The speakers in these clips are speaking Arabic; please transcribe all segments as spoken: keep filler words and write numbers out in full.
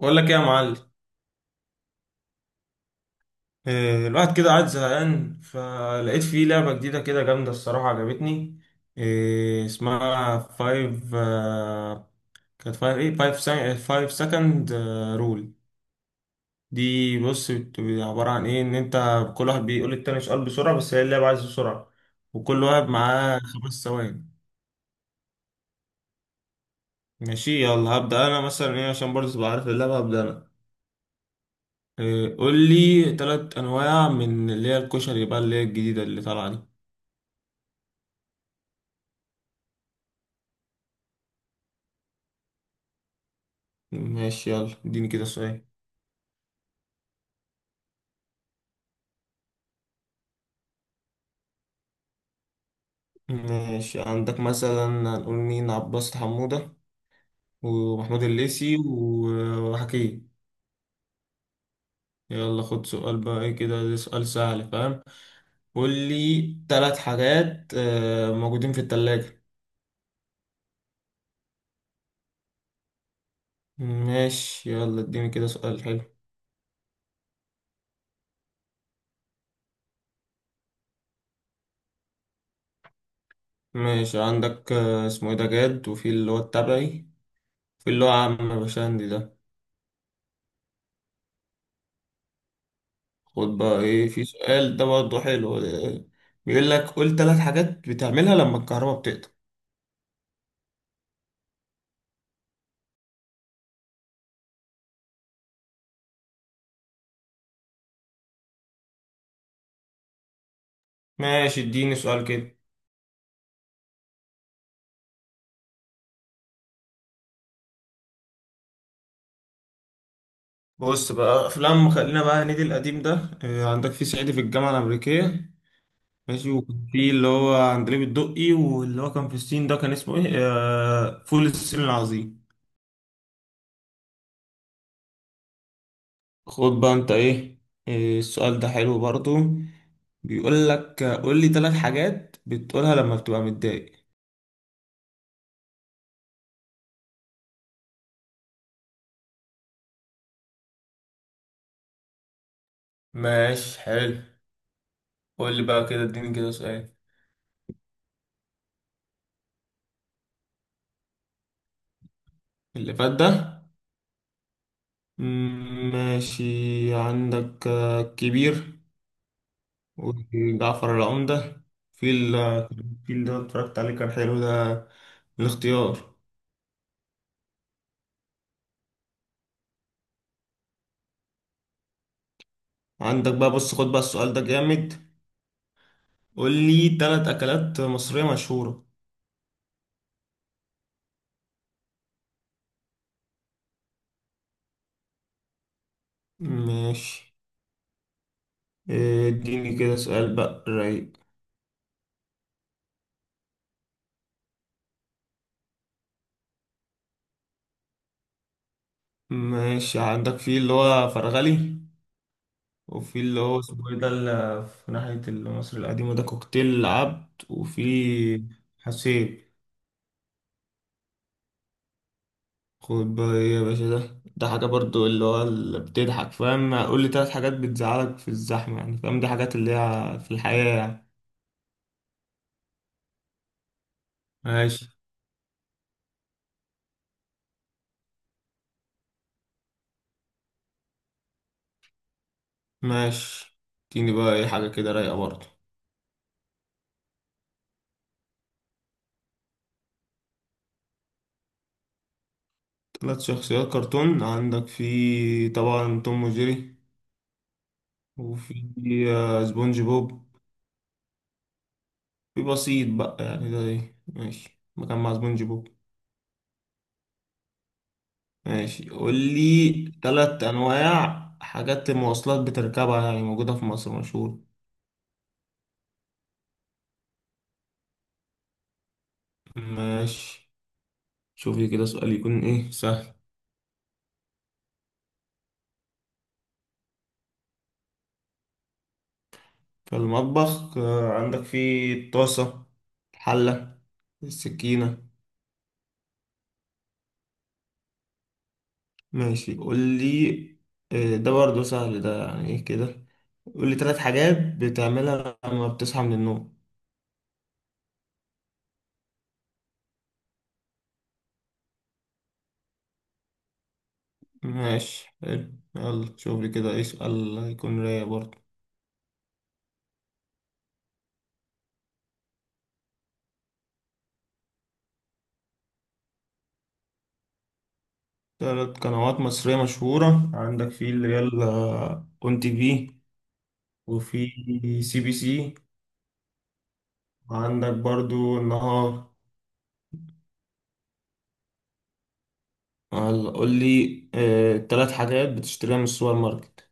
بقول لك ايه يا معلم؟ إيه، الواحد كده قاعد زهقان، فلقيت فيه لعبة جديدة كده جامدة الصراحة عجبتني. إيه، اسمها فايف آه، كانت فايف ايه فايف سا... فايف سكند رول. دي بص بت- عبارة عن ايه ان انت كل واحد بيقول للتاني سؤال بسرعة، بس هي اللعبة عايزة سرعة، وكل واحد معاه خمس ثواني. ماشي، يلا هبدأ انا مثلا ايه عشان برضه تبقى عارف اللعبة، هبدأ انا. إيه، قول لي تلات انواع من اللي هي الكشري بقى، اللي هي الجديدة اللي طالعة دي. ماشي، يلا اديني كده سؤال. ماشي، عندك مثلا هنقول مين؟ عباس حمودة، ومحمود الليثي، و- وحكيم. يلا خد سؤال بقى. ايه كده، ده سؤال سهل فاهم. قول لي ثلاث حاجات آه، موجودين في الثلاجة. ماشي، يلا اديني كده سؤال حلو. ماشي، عندك آه، اسمه ايه ده، جاد، وفي اللي هو التبعي، في اللي هو عم بشندي ده. خد بقى ايه، في سؤال ده برضه حلو. آه، بيقول لك قول ثلاث حاجات بتعملها لما الكهرباء بتقطع. ماشي، اديني سؤال كده. بص بقى افلام، خلينا بقى هنيدي القديم ده. آه، عندك في صعيدي في الجامعه الامريكيه. ماشي، وكان في اللي هو عندليب الدقي، واللي هو كان في الصين ده كان اسمه ايه؟ آه، فول الصين العظيم. خد بقى انت ايه. آه، السؤال ده حلو برضو، بيقول لك آه، قول لي ثلاث حاجات بتقولها لما بتبقى متضايق. ماشي حلو، قول لي بقى كده، اديني كده سؤال. اللي فات ده؟ مم، ماشي. عندك آه، كبير، وجعفر العمدة، في ال- في اللي أنا اتفرجت عليه كان حلو ده، الاختيار. عندك بقى بص، خد بقى السؤال ده جامد. قول لي تلات أكلات مصرية مشهورة. ماشي. إيه، اديني كده سؤال بقى رايق. ماشي، عندك في اللي هو فرغلي، وفي اللي هو اسمه ايه ده اللي في ناحية مصر القديمة ده، كوكتيل العبد، وفي حسين. خد بقى ايه يا باشا، ده ده حاجة برضو اللي هو اللي بتضحك فاهم. قول لي تلات حاجات بتزعلك في الزحمة يعني، فاهم؟ دي حاجات اللي هي في الحياة يعني. ماشي ماشي. اديني بقى ايه حاجة كده رايقة برضو. تلات شخصيات كرتون عندك في طبعا توم وجيري، وفي آه، سبونج بوب، في بسيط بقى يعني ده ايه، ماشي مكان مع سبونج بوب. ماشي، قول لي تلات انواع حاجات المواصلات بتركبها يعني، موجودة في مصر مشهور. ماشي. شوفي كده سؤال يكون ايه سهل. فالمطبخ آه، عندك فيه الطاسة، الحلة، السكينة. ماشي، قول لي. آه، ده برضه سهل، ده يعني ايه كده. قول لي ثلاث حاجات بتعملها لما بتصحى من النوم. ماشي حلو، يلا شوف لي كده ايه سؤال يكون رايق برضه. ثلاث قنوات مصرية مشهورة، عندك في اللي هي اون تي في، وفي سي بي سي، وعندك برضو النهار. يلا قول لي آه، تلات حاجات بتشتريها من السوبر ماركت.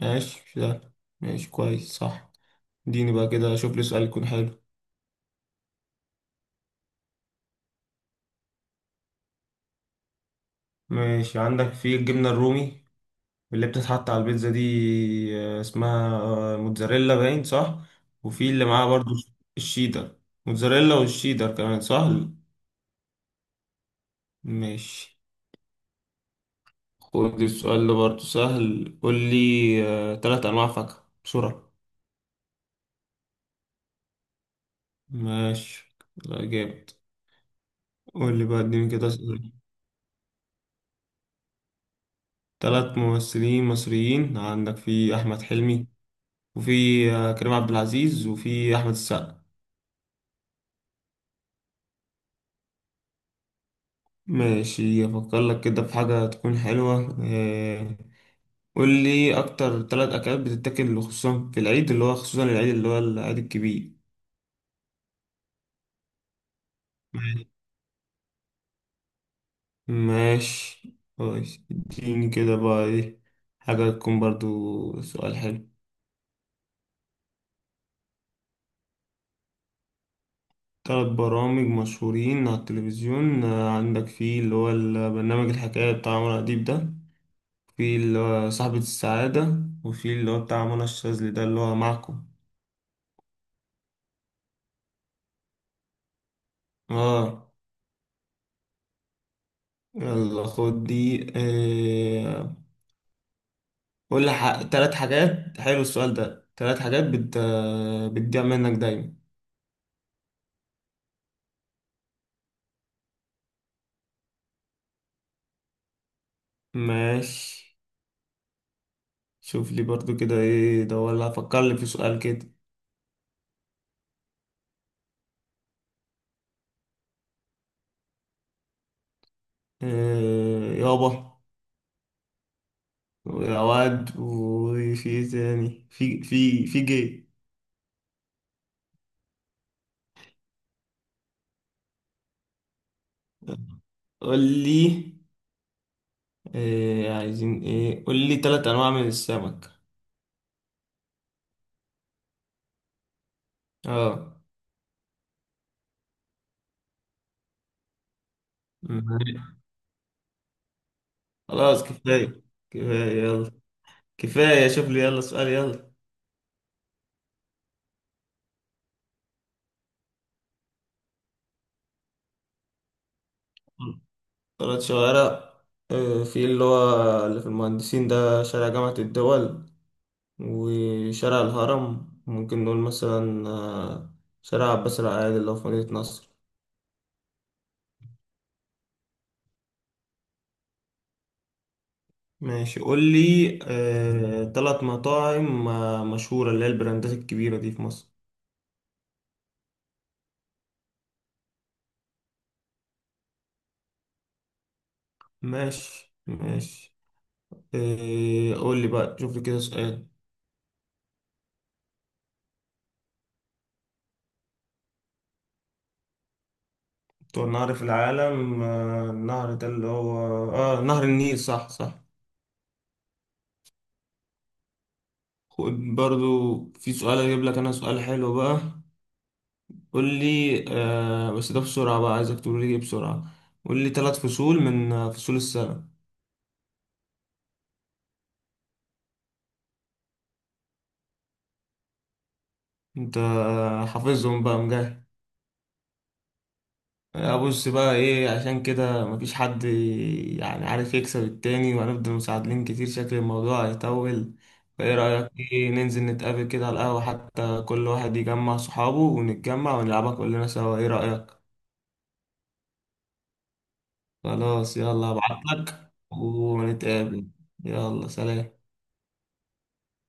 ماشي ده. ماشي كويس صح. اديني بقى كده شوف لي سؤال يكون حلو. ماشي، عندك في الجبنة الرومي اللي بتتحط على البيتزا دي، آه، اسمها آه، موتزاريلا باين صح، وفي اللي معاها برضو الشيدر. موتزاريلا والشيدر كمان صح. ماشي. خد السؤال ده برضو سهل، قول لي آه، تلات أنواع فاكهة بسرعة. ماشي، لا جامد. قول لي بقى، اديني كده. ثلاث ممثلين مصريين، عندك في أحمد حلمي، وفي آه، كريم عبد العزيز، وفي أحمد السقا. ماشي، أفكر لك كده في حاجة تكون حلوة. آه، قول لي أكتر ثلاث أكلات بتتاكل خصوصا في العيد، اللي هو خصوصا العيد اللي هو العيد الكبير. ماشي كويس، اديني كده بقى إيه حاجة تكون برضو سؤال حلو. ثلاث برامج مشهورين على التلفزيون. آه، عندك في اللي هو البرنامج الحكاية بتاع عمرو أديب ده، في اللي هو صاحبة السعادة، وفي اللي هو بتاع منى الشاذلي ده اللي هو معكم. اه. يلا خد دي. آه. قول لي ح... تلات حاجات. حلو السؤال ده، تلات حاجات بت... بتضيع منك دايما. ماشي، شوف لي برضو كده ايه ده، ولا فكر لي في سؤال كده. آه. يابا، ويا واد، وفي إيه تاني، في في في جي. قول لي. آه. عايزين ايه؟ قول لي تلات انواع من السمك. اه. ماشي. خلاص كفاية. كفاية يلا. كفاية، شوف لي يلا سؤال يلا. ثلاث شوارع، آه، في اللي هو اللي في المهندسين ده شارع جامعة الدول، وشارع الهرم، ممكن نقول مثلا آه، شارع عباس العقاد اللي هو في مدينة نصر. ماشي، قول لي آه، تلات مطاعم آه، مشهورة، اللي هي البراندات الكبيرة دي في مصر. ماشي ماشي. آه، قول لي بقى، شوف لي كده سؤال. أطول نهر في العالم، آه، النهر ده اللي هو آه نهر النيل. صح صح. برضو في سؤال أجيب لك أنا سؤال حلو بقى. قول لي آه بس ده بسرعة بقى، عايزك تقول لي بسرعة. قول لي ثلاث فصول من آه، فصول السنة. أنت آه، حافظهم بقى مجاهد. ابص بقى ايه، عشان كده مفيش حد يعني عارف يكسب التاني، وهنفضل مساعدين كتير، شكل الموضوع هيطول. فايه رأيك، ايه ننزل نتقابل كده على القهوة، حتى كل واحد يجمع صحابه ونتجمع ونلعبها كلنا سوا، ايه رأيك؟ خلاص يلا، ابعتلك ونتقابل. يلا سلام.